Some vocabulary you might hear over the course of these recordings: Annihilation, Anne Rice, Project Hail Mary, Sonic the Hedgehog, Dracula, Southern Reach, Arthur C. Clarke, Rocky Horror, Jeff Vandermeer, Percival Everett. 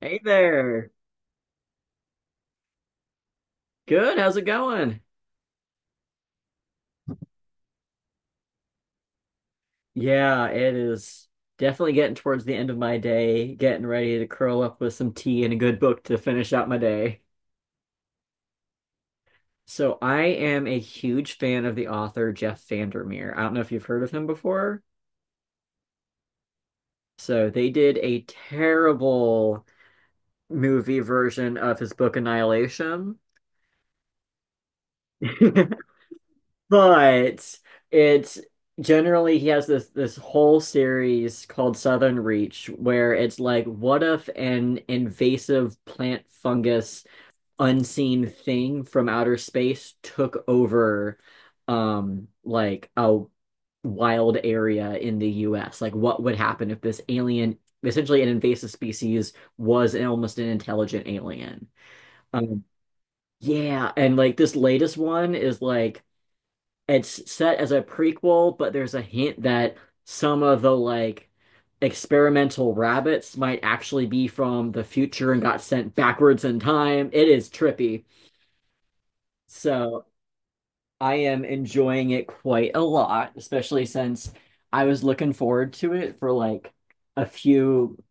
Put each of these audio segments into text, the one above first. Hey there. Good. How's it going? Yeah, it is definitely getting towards the end of my day, getting ready to curl up with some tea and a good book to finish out my day. So I am a huge fan of the author Jeff Vandermeer. I don't know if you've heard of him before. So they did a terrible movie version of his book Annihilation. But it's generally he has this whole series called Southern Reach where it's like, what if an invasive plant fungus unseen thing from outer space took over like a wild area in the US? Like what would happen if this alien essentially an invasive species was an, almost an intelligent alien? Um yeah, and like this latest one is like it's set as a prequel, but there's a hint that some of the like experimental rabbits might actually be from the future and got sent backwards in time. It is trippy. So I am enjoying it quite a lot, especially since I was looking forward to it for like a few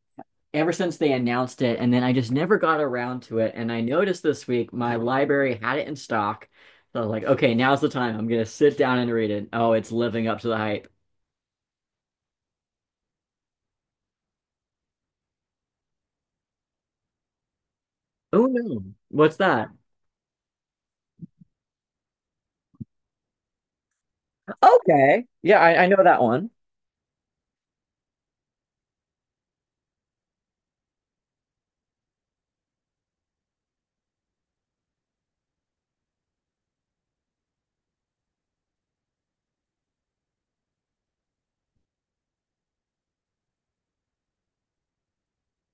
ever since they announced it, and then I just never got around to it. And I noticed this week my library had it in stock. So I was like, okay, now's the time. I'm gonna sit down and read it. Oh, it's living up to the hype. Oh no. What's that? Okay. Yeah, I know that one.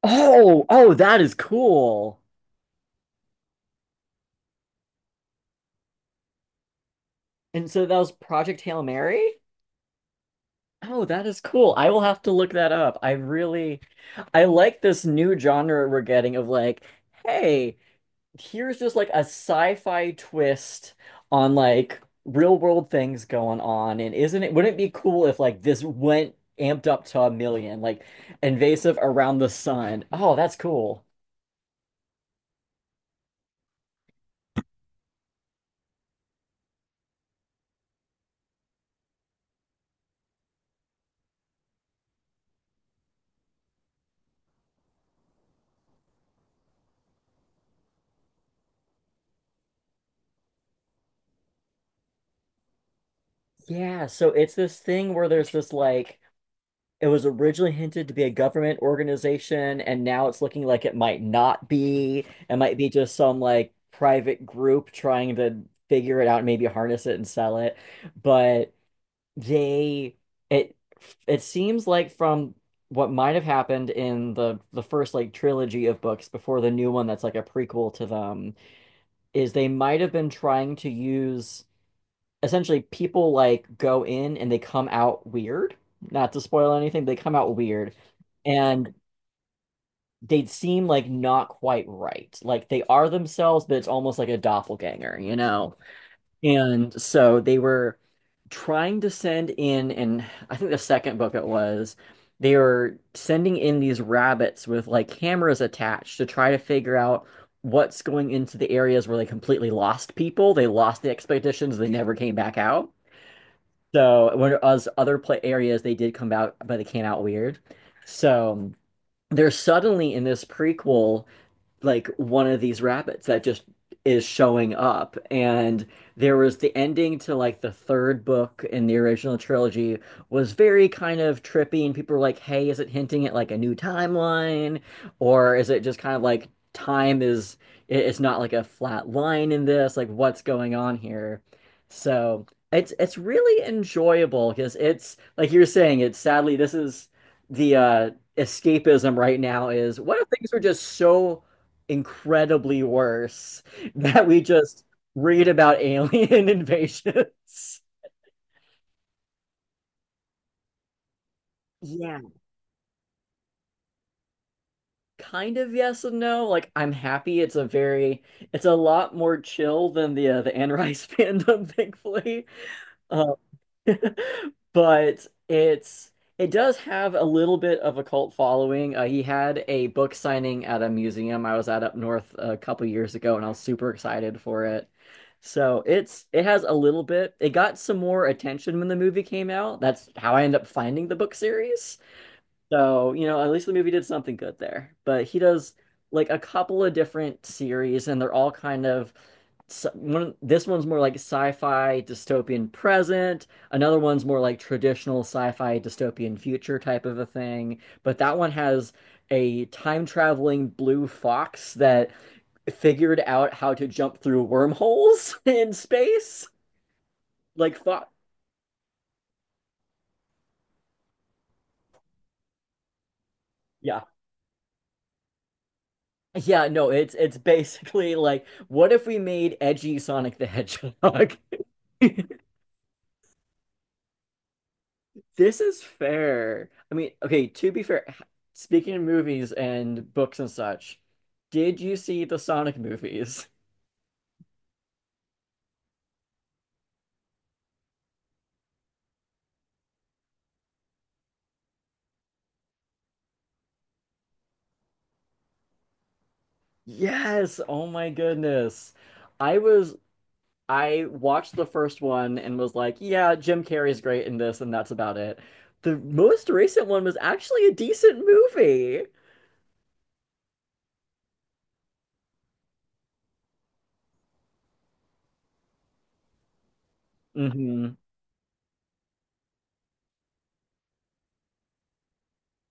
Oh, oh, that is cool. And so that was Project Hail Mary? Oh, that is cool. I will have to look that up. I really I like this new genre we're getting of like, hey, here's just like a sci-fi twist on like real world things going on. And isn't it wouldn't it be cool if like this went amped up to a million, like invasive around the sun? Oh, that's cool. Yeah, so it's this thing where there's this like it was originally hinted to be a government organization, and now it's looking like it might not be. It might be just some like private group trying to figure it out and maybe harness it and sell it. But they it it seems like from what might have happened in the first like trilogy of books before the new one that's like a prequel to them is they might have been trying to use essentially people like go in and they come out weird. Not to spoil anything, they come out weird and they seem like not quite right. Like they are themselves, but it's almost like a doppelganger, you know? And so they were trying to send in, and I think the second book it was, they were sending in these rabbits with like cameras attached to try to figure out what's going into the areas where they completely lost people. They lost the expeditions, they never came back out. So whereas other play areas they did come out, but they came out weird. So they're suddenly in this prequel like one of these rabbits that just is showing up. And there was the ending to like the third book in the original trilogy was very kind of trippy, and people were like, "Hey, is it hinting at like a new timeline, or is it just kind of like time is it's not like a flat line in this? Like, what's going on here?" So it's really enjoyable because it's like you're saying, it's sadly this is the escapism right now is what if things were just so incredibly worse that we just read about alien invasions. Yeah. Kind of yes and no. Like I'm happy it's a very it's a lot more chill than the Anne Rice fandom, thankfully. Um, But it's it does have a little bit of a cult following. He had a book signing at a museum I was at up north a couple years ago, and I was super excited for it. So it's it has a little bit. It got some more attention when the movie came out. That's how I ended up finding the book series. So, you know, at least the movie did something good there. But he does like a couple of different series, and they're all kind of one. This one's more like sci-fi dystopian present. Another one's more like traditional sci-fi dystopian future type of a thing. But that one has a time traveling blue fox that figured out how to jump through wormholes in space. Like, Fox, yeah. Yeah, no, it's basically like, what if we made edgy Sonic the Hedgehog? This is fair. I mean, okay, to be fair, speaking of movies and books and such, did you see the Sonic movies? Yes, oh my goodness. I was I watched the first one and was like, yeah, Jim Carrey's great in this and that's about it. The most recent one was actually a decent movie. Mm-hmm.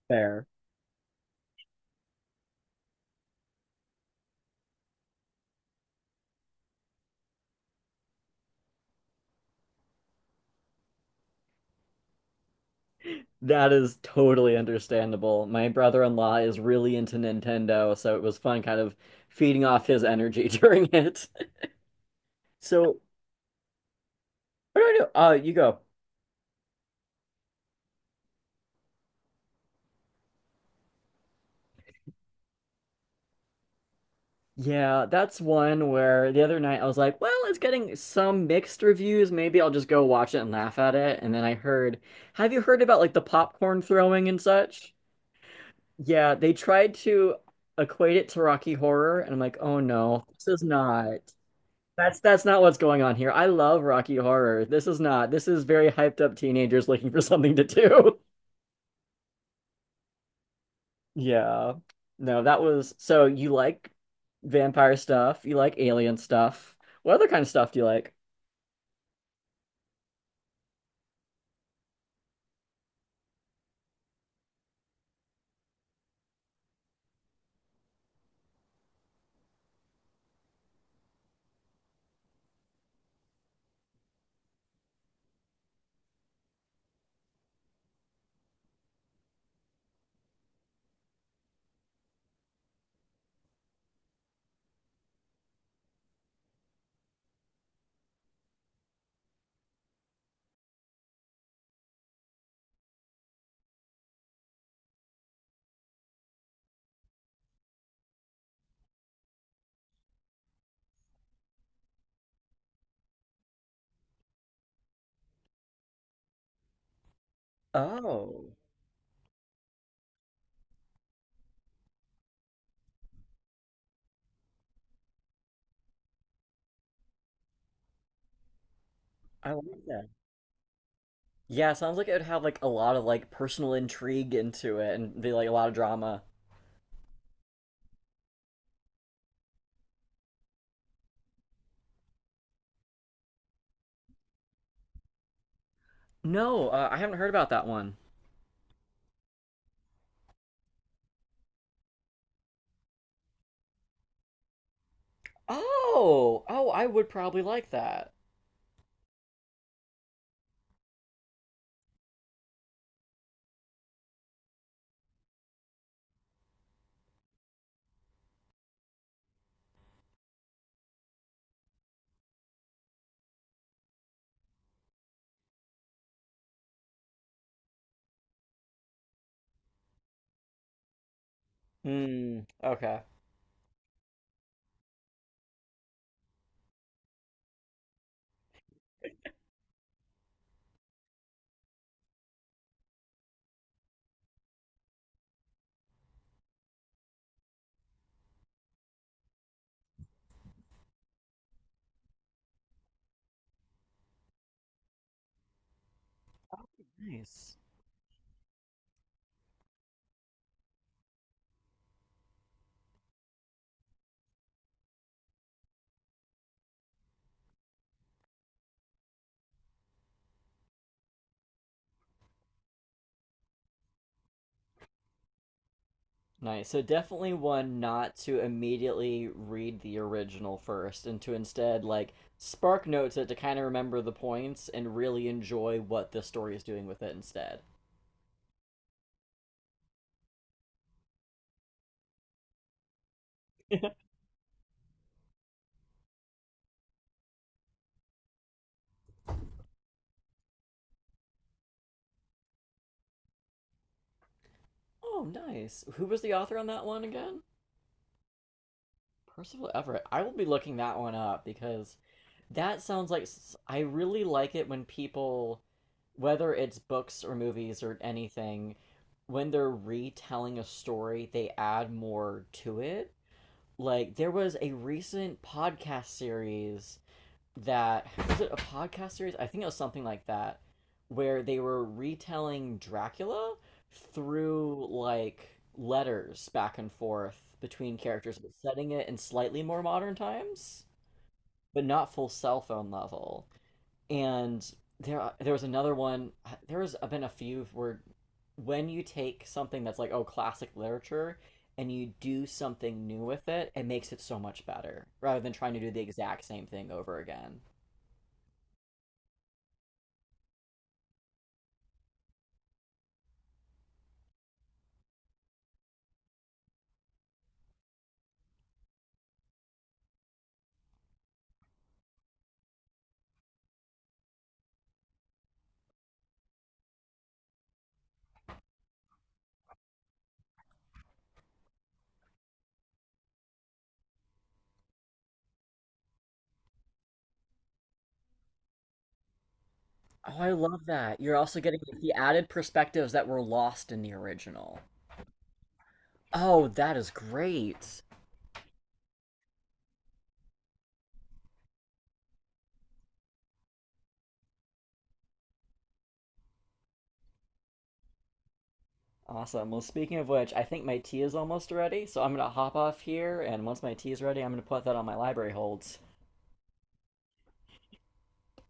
Fair. That is totally understandable. My brother-in-law is really into Nintendo, so it was fun kind of feeding off his energy during it. So, what do I do? You go. Yeah, that's one where the other night I was like, well, it's getting some mixed reviews. Maybe I'll just go watch it and laugh at it. And then I heard, have you heard about like the popcorn throwing and such? Yeah, they tried to equate it to Rocky Horror, and I'm like, oh no, this is not. That's not what's going on here. I love Rocky Horror. This is not. This is very hyped up teenagers looking for something to do. Yeah. No, that was so you like vampire stuff, you like alien stuff. What other kind of stuff do you like? Oh, I like that. Yeah, sounds like it would have like a lot of like personal intrigue into it and be like a lot of drama. No, I haven't heard about that one. Oh, oh, I would probably like that. Hmm, okay. Nice. Nice. So definitely one not to immediately read the original first and to instead like spark notes it to kind of remember the points and really enjoy what the story is doing with it instead. Oh, nice. Who was the author on that one again? Percival Everett. I will be looking that one up because that sounds like I really like it when people whether it's books or movies or anything when they're retelling a story, they add more to it like there was a recent podcast series that was it a podcast series? I think it was something like that where they were retelling Dracula through like letters back and forth between characters, but setting it in slightly more modern times, but not full cell phone level and there was another one. There has been a few where when you take something that's like oh classic literature and you do something new with it, it makes it so much better rather than trying to do the exact same thing over again. Oh, I love that. You're also getting the added perspectives that were lost in the original. Oh, that is great. Awesome. Well, speaking of which, I think my tea is almost ready, so I'm going to hop off here, and once my tea is ready, I'm going to put that on my library holds.